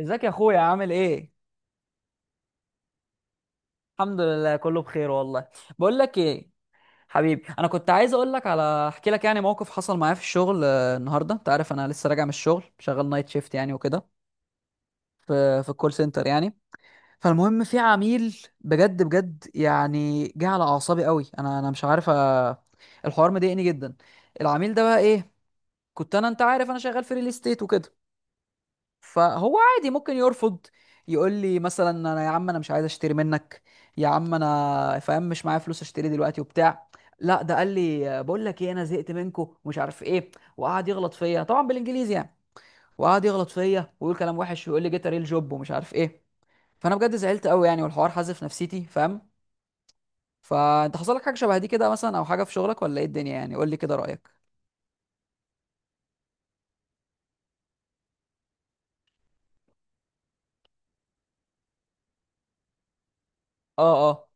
ازيك يا اخويا، عامل ايه؟ الحمد لله، كله بخير والله. بقول لك ايه؟ حبيبي، انا كنت عايز اقول لك على احكي لك يعني موقف حصل معايا في الشغل، النهارده انت عارف انا لسه راجع من الشغل، شغال نايت شيفت يعني وكده، في الكول سنتر يعني. فالمهم في عميل بجد بجد يعني جه على اعصابي قوي. انا مش عارف الحوار مضايقني جدا. العميل ده بقى ايه، كنت انا انت عارف انا شغال في ريل استيت وكده، فهو عادي ممكن يرفض، يقول لي مثلا يا عم انا مش عايز اشتري منك، يا عم انا فاهم مش معايا فلوس اشتري دلوقتي وبتاع. لا ده قال لي بقول لك ايه، انا زهقت منكم ومش عارف ايه، وقعد يغلط فيا طبعا بالانجليزي يعني، وقعد يغلط فيا ويقول كلام وحش ويقول لي جيت ريل جوب ومش عارف ايه. فانا بجد زعلت قوي يعني، والحوار حازف نفسيتي، فاهم؟ فانت حصل لك حاجه شبه دي كده مثلا، او حاجه في شغلك، ولا ايه الدنيا يعني؟ قول لي كده رايك. اه اه.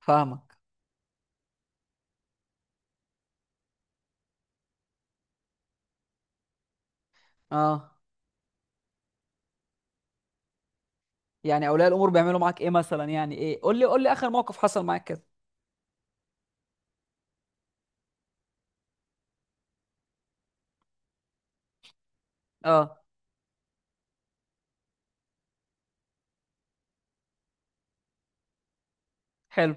فاهمك. اه. يعني اولياء الامور بيعملوا معاك ايه مثلا؟ يعني ايه؟ قول لي قول لي اخر موقف حصل معاك كده. اه. حلو،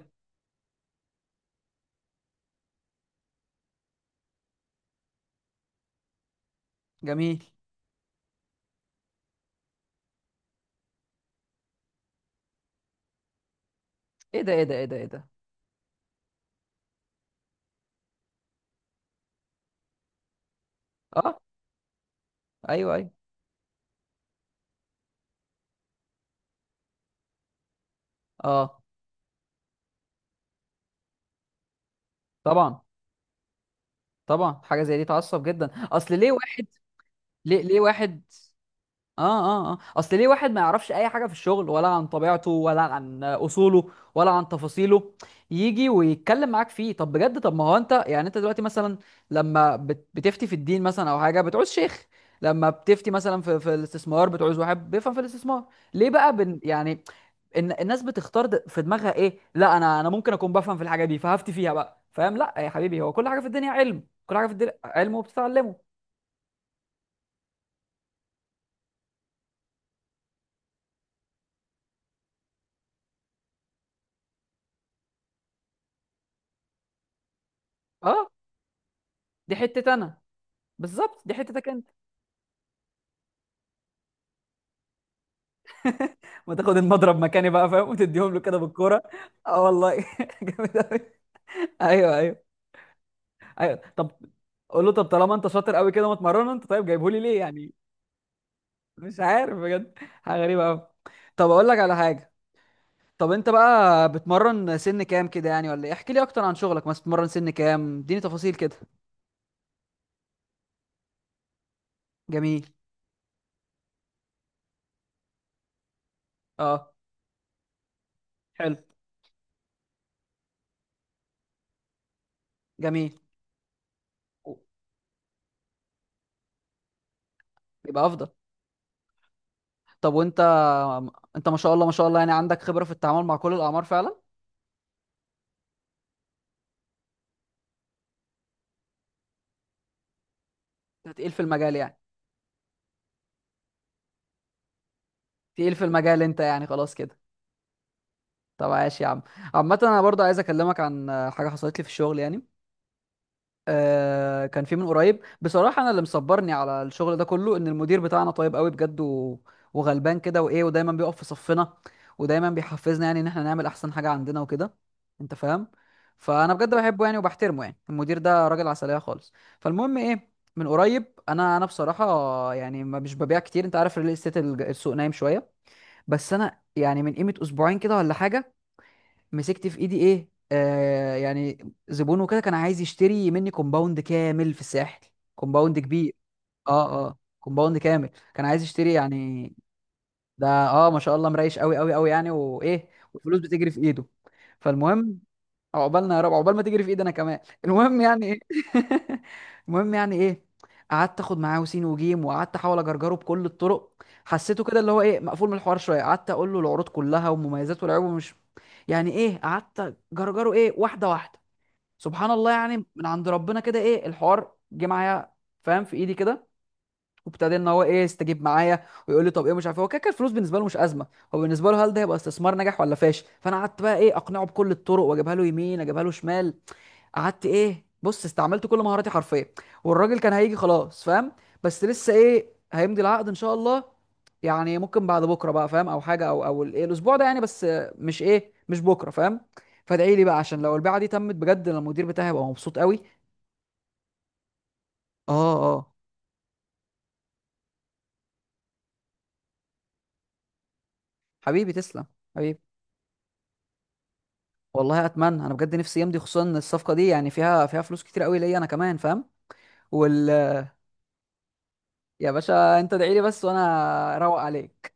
جميل. ايه ده، ايه ده، ايه ده، ايه ده. اه، ايوه ايوه. اه. طبعا. طبعا، حاجه زي دي تعصب جدا. اصل ليه واحد، ليه واحد، اه اه اه، اصل ليه واحد ما يعرفش اي حاجه في الشغل ولا عن طبيعته ولا عن اصوله ولا عن تفاصيله، يجي ويتكلم معاك فيه؟ طب بجد، طب ما هو انت يعني، انت دلوقتي مثلا لما بتفتي في الدين مثلا او حاجه بتعوز شيخ، لما بتفتي مثلا في الاستثمار بتعوز واحد بيفهم في الاستثمار، ليه بقى يعني؟ ان الناس بتختار في دماغها ايه، لا انا ممكن اكون بفهم في الحاجه دي فهفتي فيها بقى، فاهم؟ لا يا حبيبي، هو كل حاجه في الدنيا علم، كل حاجه في الدنيا علم وبتتعلمه. اه. دي حتة انا، بالظبط دي حتتك انت. ما تاخد المضرب مكاني بقى، فاهم؟ وتديهم له كده بالكوره. اه والله جامد قوي. ايوه ايوه ايوه. طب قول له طب طالما انت شاطر قوي كده متمرن انت، طيب جايبه لي ليه يعني؟ مش عارف، بجد حاجه غريبه قوي. طب اقول لك على حاجه. طب انت بقى بتمرن سن كام كده يعني، ولا ايه؟ احكي لي اكتر عن شغلك، مثلا بتمرن سن كام؟ اديني تفاصيل كده. جميل. اه. حلو، جميل. يبقى افضل. طب وانت، انت ما شاء الله ما شاء الله يعني، عندك خبره في التعامل مع كل الاعمار فعلا. انت تقيل في المجال يعني. تقيل في المجال انت يعني، خلاص كده. طب عاش يا عم. عامة انا برضه عايز اكلمك عن حاجة حصلت لي في الشغل يعني. كان في من قريب بصراحة، انا اللي مصبرني على الشغل ده كله ان المدير بتاعنا طيب قوي بجد، و... وغلبان كده، وايه، ودايما بيقف في صفنا، ودايما بيحفزنا يعني ان احنا نعمل احسن حاجة عندنا وكده، انت فاهم. فانا بجد بحبه يعني وبحترمه يعني، المدير ده راجل عسلية خالص. فالمهم ايه، من قريب انا بصراحة يعني ما مش ببيع كتير، انت عارف الريل استيت السوق نايم شوية. بس انا يعني من قيمه اسبوعين كده ولا حاجه، مسكت في ايدي ايه، يعني زبون وكده، كان عايز يشتري مني كومباوند كامل في الساحل، كومباوند كبير. اه اه كومباوند كامل كان عايز يشتري يعني. ده اه ما شاء الله مريش قوي قوي قوي يعني، وايه والفلوس بتجري في ايده. فالمهم، عقبالنا يا رب، عقبال ما تجري في ايدي انا كمان. المهم يعني ايه. المهم يعني ايه، قعدت اخد معاه وسين وجيم، وقعدت احاول اجرجره بكل الطرق. حسيته كده اللي هو ايه مقفول من الحوار شويه، قعدت اقول له العروض كلها ومميزات والعيوب ومش، يعني ايه، قعدت اجرجره ايه، واحده واحده. سبحان الله يعني من عند ربنا كده، ايه الحوار جه معايا، فاهم؟ في ايدي كده، وابتدى ان هو ايه يستجيب معايا، ويقول لي طب ايه مش عارف إيه. هو كده كده الفلوس بالنسبه له مش ازمه، هو بالنسبه له هل ده هيبقى استثمار ناجح ولا فاشل. فانا قعدت بقى ايه اقنعه بكل الطرق، واجيبها له يمين اجيبها له شمال، قعدت ايه، بص استعملت كل مهاراتي حرفيا. والراجل كان هيجي خلاص، فاهم؟ بس لسه ايه، هيمضي العقد ان شاء الله، يعني ممكن بعد بكره بقى فاهم، او حاجه، او الايه الاسبوع ده يعني، بس مش بكره، فاهم؟ فادعي لي بقى عشان لو البيعه دي تمت بجد، أنا المدير بتاعي هيبقى مبسوط قوي. اه اه. حبيبي تسلم، حبيبي. والله اتمنى انا بجد نفسي يمضي، خصوصا ان الصفقه دي يعني فيها فلوس كتير قوي ليا انا كمان، فاهم، وال يا باشا انت ادعي لي بس وانا اروق عليك.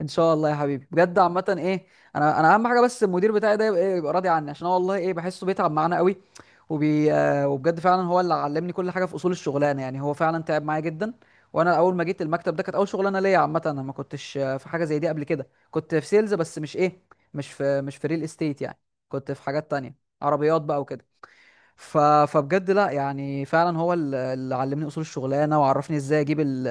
ان شاء الله يا حبيبي، بجد عامه ايه. انا اهم حاجه بس المدير بتاعي ده يبقى راضي عني، عشان هو والله ايه بحسه بيتعب معانا قوي، وبي آه، وبجد فعلا هو اللي علمني كل حاجه في اصول الشغلانه يعني، هو فعلا تعب معايا جدا. وانا اول ما جيت المكتب ده كانت اول شغلانه ليا، عامه انا ما كنتش في حاجه زي دي قبل كده، كنت في سيلز بس مش في ريل استيت يعني، كنت في حاجات تانية، عربيات بقى وكده. ف... فبجد لا يعني فعلا هو اللي علمني اصول الشغلانه، وعرفني ازاي اجيب ال...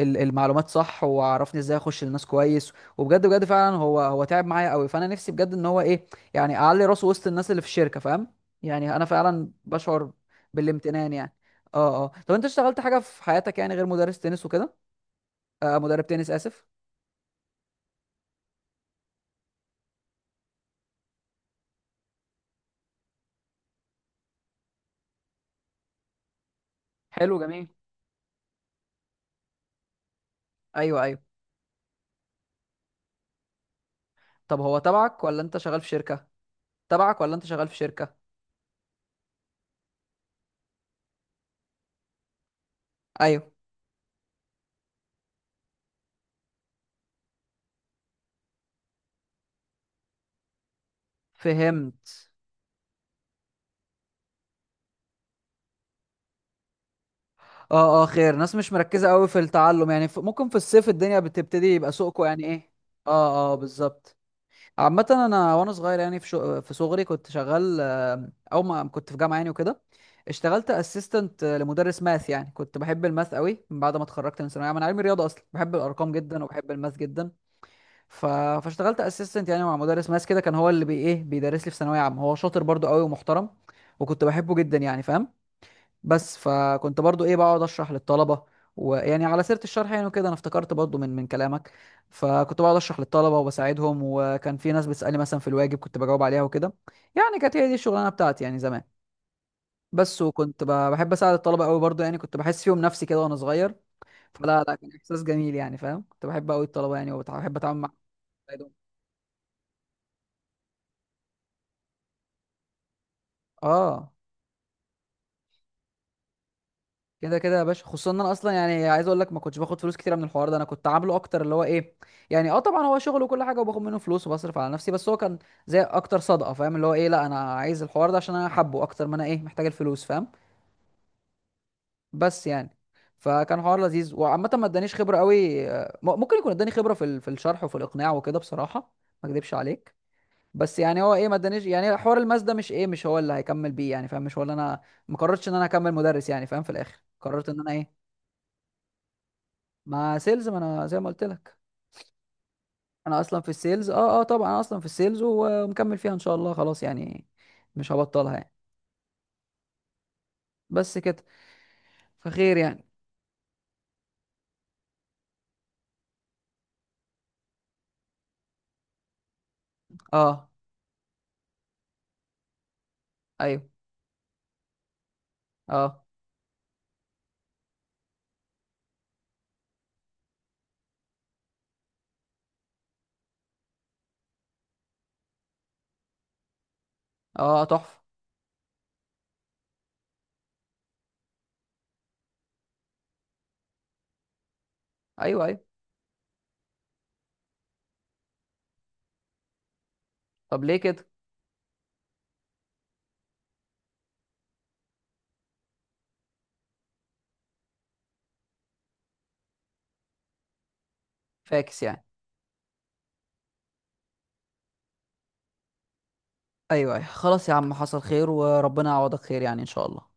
ال- المعلومات صح، وعرفني ازاي اخش للناس كويس، وبجد بجد فعلا هو تعب معايا قوي. فانا نفسي بجد ان هو ايه يعني اعلي راسه وسط الناس اللي في الشركه، فاهم؟ يعني انا فعلا بشعر بالامتنان يعني. اه اه. طب انت اشتغلت حاجه في حياتك يعني غير مدرس تنس وكده؟ مدرب تنس، اسف. حلو، جميل. ايوه ايوه. طب هو تبعك ولا انت شغال في شركه؟ تبعك ولا انت شغال في شركه؟ ايوه. فهمت. اه اه، خير. ناس مش مركزة قوي في التعلم يعني، ممكن في الصيف الدنيا بتبتدي يبقى سوقكم يعني ايه. اه اه بالظبط. عامة انا وانا صغير يعني، في صغري كنت شغال او ما كنت في جامعة يعني وكده، اشتغلت اسيستنت لمدرس ماث يعني. كنت بحب الماث قوي من بعد ما اتخرجت من ثانوية عامة، انا علمي رياضة اصلا، بحب الارقام جدا وبحب الماث جدا. ف... فاشتغلت اسيستنت يعني مع مدرس ماث كده، كان هو اللي بي ايه بيدرس لي في ثانوية عامة. هو شاطر برضو قوي ومحترم، وكنت بحبه جدا يعني، فاهم؟ بس فكنت برضو ايه بقعد اشرح للطلبه. ويعني على سيره الشرح يعني وكده، انا افتكرت برضو من كلامك، فكنت بقعد اشرح للطلبه وبساعدهم، وكان في ناس بتسالني مثلا في الواجب كنت بجاوب عليها وكده، يعني كانت هي دي الشغلانه بتاعتي يعني زمان. بس وكنت بحب اساعد الطلبه قوي برضو يعني، كنت بحس فيهم نفسي كده وانا صغير. فلا لا، كان احساس جميل يعني، فاهم؟ كنت بحب قوي الطلبه يعني، وبحب اتعامل معاهم وأساعدهم. اه. كده كده يا باشا، خصوصا ان انا اصلا يعني عايز اقول لك ما كنتش باخد فلوس كتير من الحوار ده، انا كنت عامله اكتر اللي هو ايه، يعني اه طبعا هو شغل وكل حاجه وباخد منه فلوس وبصرف على نفسي، بس هو كان زي اكتر صدقه، فاهم؟ اللي هو ايه لا انا عايز الحوار ده عشان انا حابه، اكتر ما انا ايه محتاج الفلوس، فاهم؟ بس يعني، فكان حوار لذيذ. وعامه ما ادانيش خبره قوي، ممكن يكون اداني خبره في في الشرح وفي الاقناع وكده بصراحه، ما اكدبش عليك. بس يعني هو ايه ما ادانيش يعني، حوار الماس ده مش هو اللي هيكمل بيه يعني، فاهم؟ مش هو اللي انا ما قررتش ان انا اكمل مدرس يعني، فاهم؟ في الاخر قررت ان انا ايه مع سيلز، ما انا زي ما قلت لك، انا اصلا في السيلز. اه اه، طبعا انا اصلا في السيلز ومكمل فيها ان شاء الله، خلاص يعني مش هبطلها يعني، بس كده، فخير يعني. اه. ايوه. اه اه، تحفه. ايوه ايوه. طب ليه كده؟ فاكس يعني. ايوه ايوه، خلاص يا عم، حصل خير وربنا يعوضك خير يعني ان شاء الله.